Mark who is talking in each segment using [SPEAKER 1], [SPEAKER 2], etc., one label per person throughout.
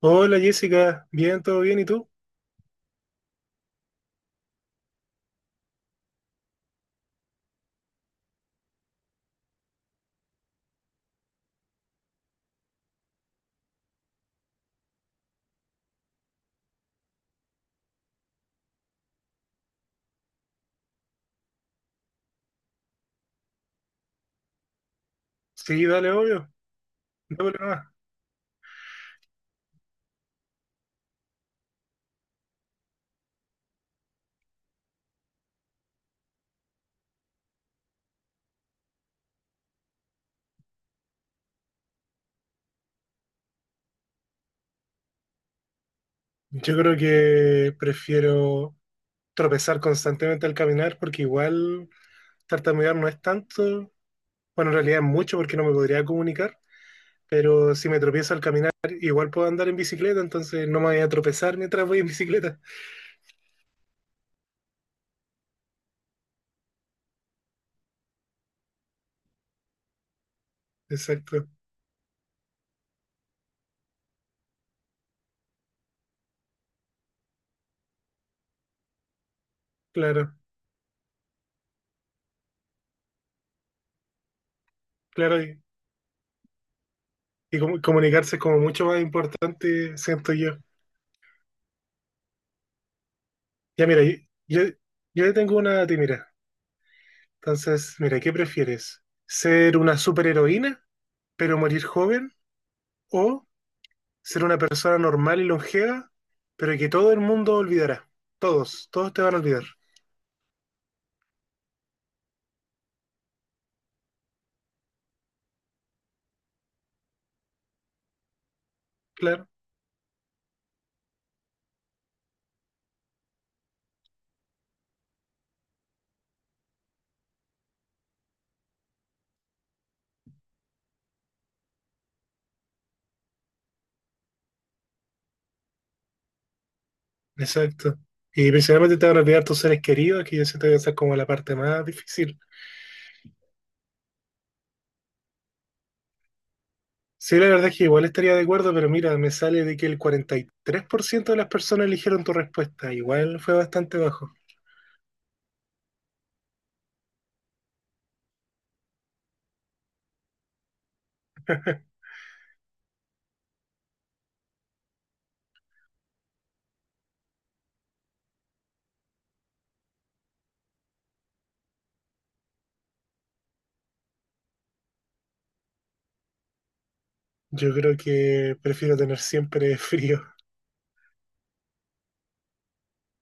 [SPEAKER 1] Hola Jessica, bien, todo bien, ¿y tú? Sí, dale, obvio, dale problema. Yo creo que prefiero tropezar constantemente al caminar porque igual tartamudear no es tanto, bueno, en realidad es mucho porque no me podría comunicar, pero si me tropiezo al caminar igual puedo andar en bicicleta, entonces no me voy a tropezar mientras voy en bicicleta. Exacto, claro, claro, y comunicarse es como mucho más importante, siento yo. Ya mira, yo, yo tengo una a ti, mira. Entonces, mira, ¿qué prefieres? ¿Ser una superheroína, pero morir joven? ¿O ser una persona normal y longeva, pero que todo el mundo olvidará? Todos, todos te van a olvidar. Claro, exacto. Y principalmente te van a olvidar tus seres queridos, que yo siento que esa es como la parte más difícil. Sí, la verdad es que igual estaría de acuerdo, pero mira, me sale de que el 43% de las personas eligieron tu respuesta. Igual fue bastante bajo. Yo creo que prefiero tener siempre frío.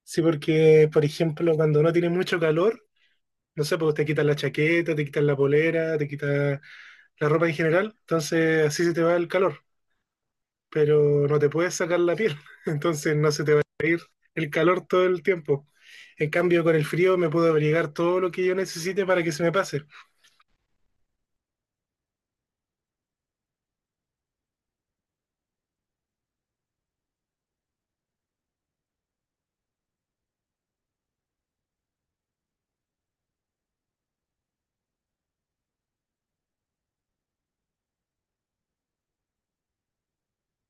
[SPEAKER 1] Sí, porque, por ejemplo, cuando no tiene mucho calor, no sé, pues te quitan la chaqueta, te quitan la polera, te quitan la ropa en general, entonces así se te va el calor, pero no te puedes sacar la piel, entonces no se te va el calor todo el tiempo. En cambio, con el frío me puedo abrigar todo lo que yo necesite para que se me pase.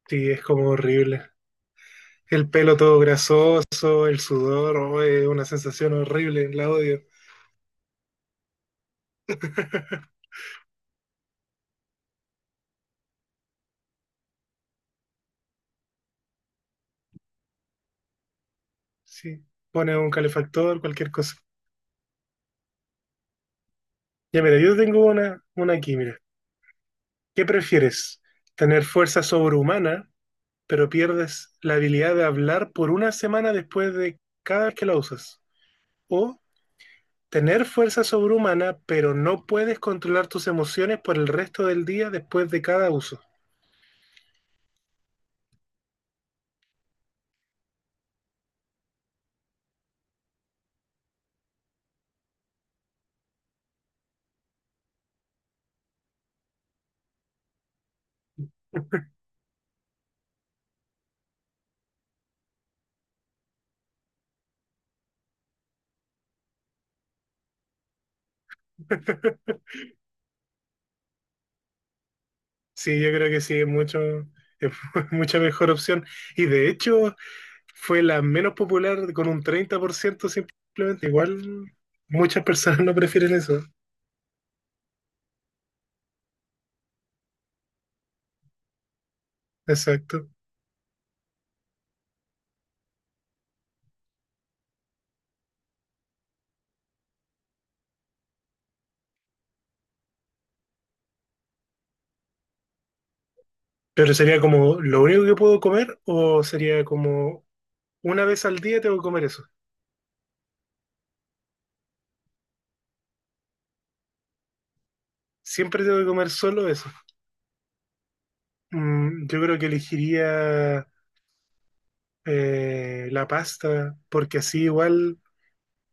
[SPEAKER 1] Sí, es como horrible. El pelo todo grasoso, el sudor, oh, es una sensación horrible, la odio. Sí, pone un calefactor, cualquier cosa. Ya mira, yo tengo una aquí, mira. ¿Qué prefieres? ¿Tener fuerza sobrehumana, pero pierdes la habilidad de hablar por una semana después de cada vez que la usas? ¿O tener fuerza sobrehumana, pero no puedes controlar tus emociones por el resto del día después de cada uso? Sí, yo creo que sí, es mucho, es mucha mejor opción. Y de hecho, fue la menos popular con un 30% simplemente. Igual muchas personas no prefieren eso. Exacto. Pero sería como lo único que puedo comer o sería como una vez al día tengo que comer eso. Siempre tengo que comer solo eso. Mm, yo creo que elegiría la pasta porque así igual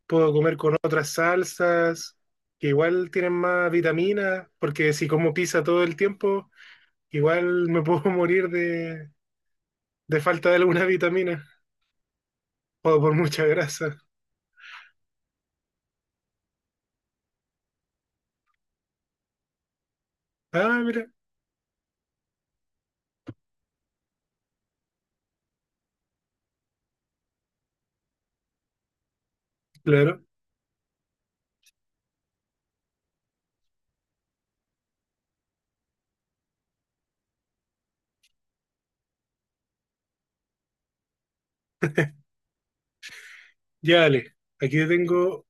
[SPEAKER 1] puedo comer con otras salsas que igual tienen más vitaminas porque si como pizza todo el tiempo igual me puedo morir de falta de alguna vitamina o por mucha grasa. Ah, mira, claro. Ya, Ale, aquí te tengo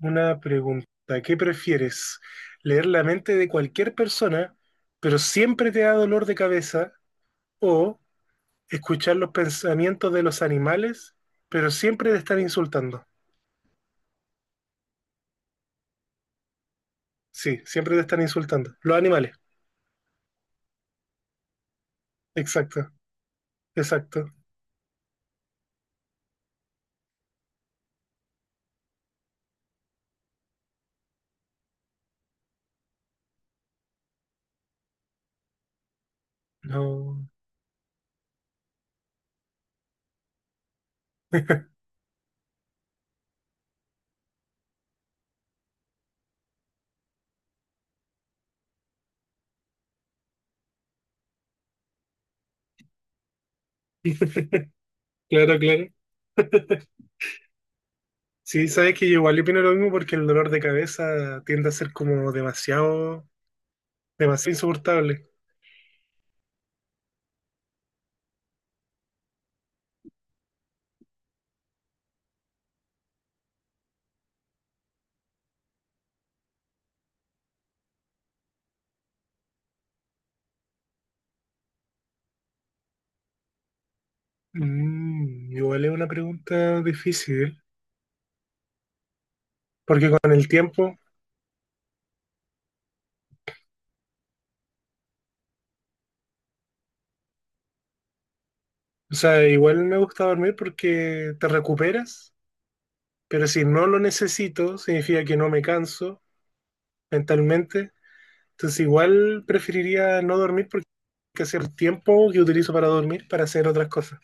[SPEAKER 1] una pregunta. ¿Qué prefieres? ¿Leer la mente de cualquier persona, pero siempre te da dolor de cabeza? ¿O escuchar los pensamientos de los animales, pero siempre te están insultando? Sí, siempre te están insultando. Los animales, exacto, exacto. No, claro, claro. Sí, sabes que yo igual opino lo mismo porque el dolor de cabeza tiende a ser como demasiado, demasiado insoportable. Mm, igual es una pregunta difícil. Porque con el tiempo, o sea, igual me gusta dormir porque te recuperas, pero si no lo necesito, significa que no me canso mentalmente. Entonces igual preferiría no dormir porque es el tiempo que utilizo para dormir para hacer otras cosas.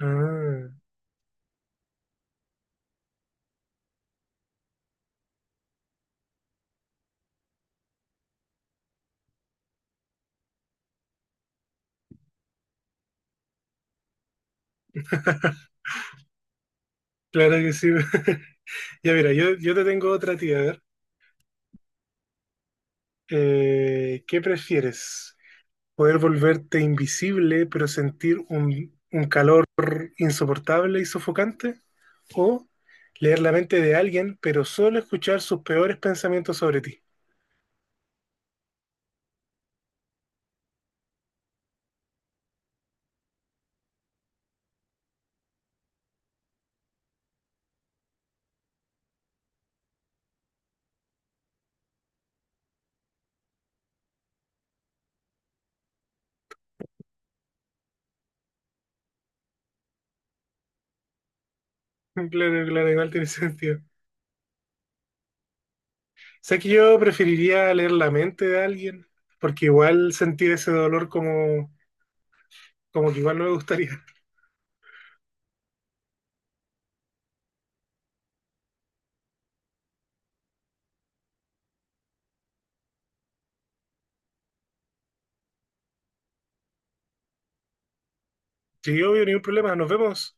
[SPEAKER 1] Ah, claro que sí. Ya mira, yo te tengo otra tía, a ver. ¿Qué prefieres? Poder volverte invisible, pero sentir un calor insoportable y sofocante, o leer la mente de alguien, pero solo escuchar sus peores pensamientos sobre ti. Claro, claro, igual tiene sentido. Sé que yo preferiría leer la mente de alguien, porque igual sentir ese dolor como, como que igual no me gustaría. Sí, obvio, ningún problema, nos vemos.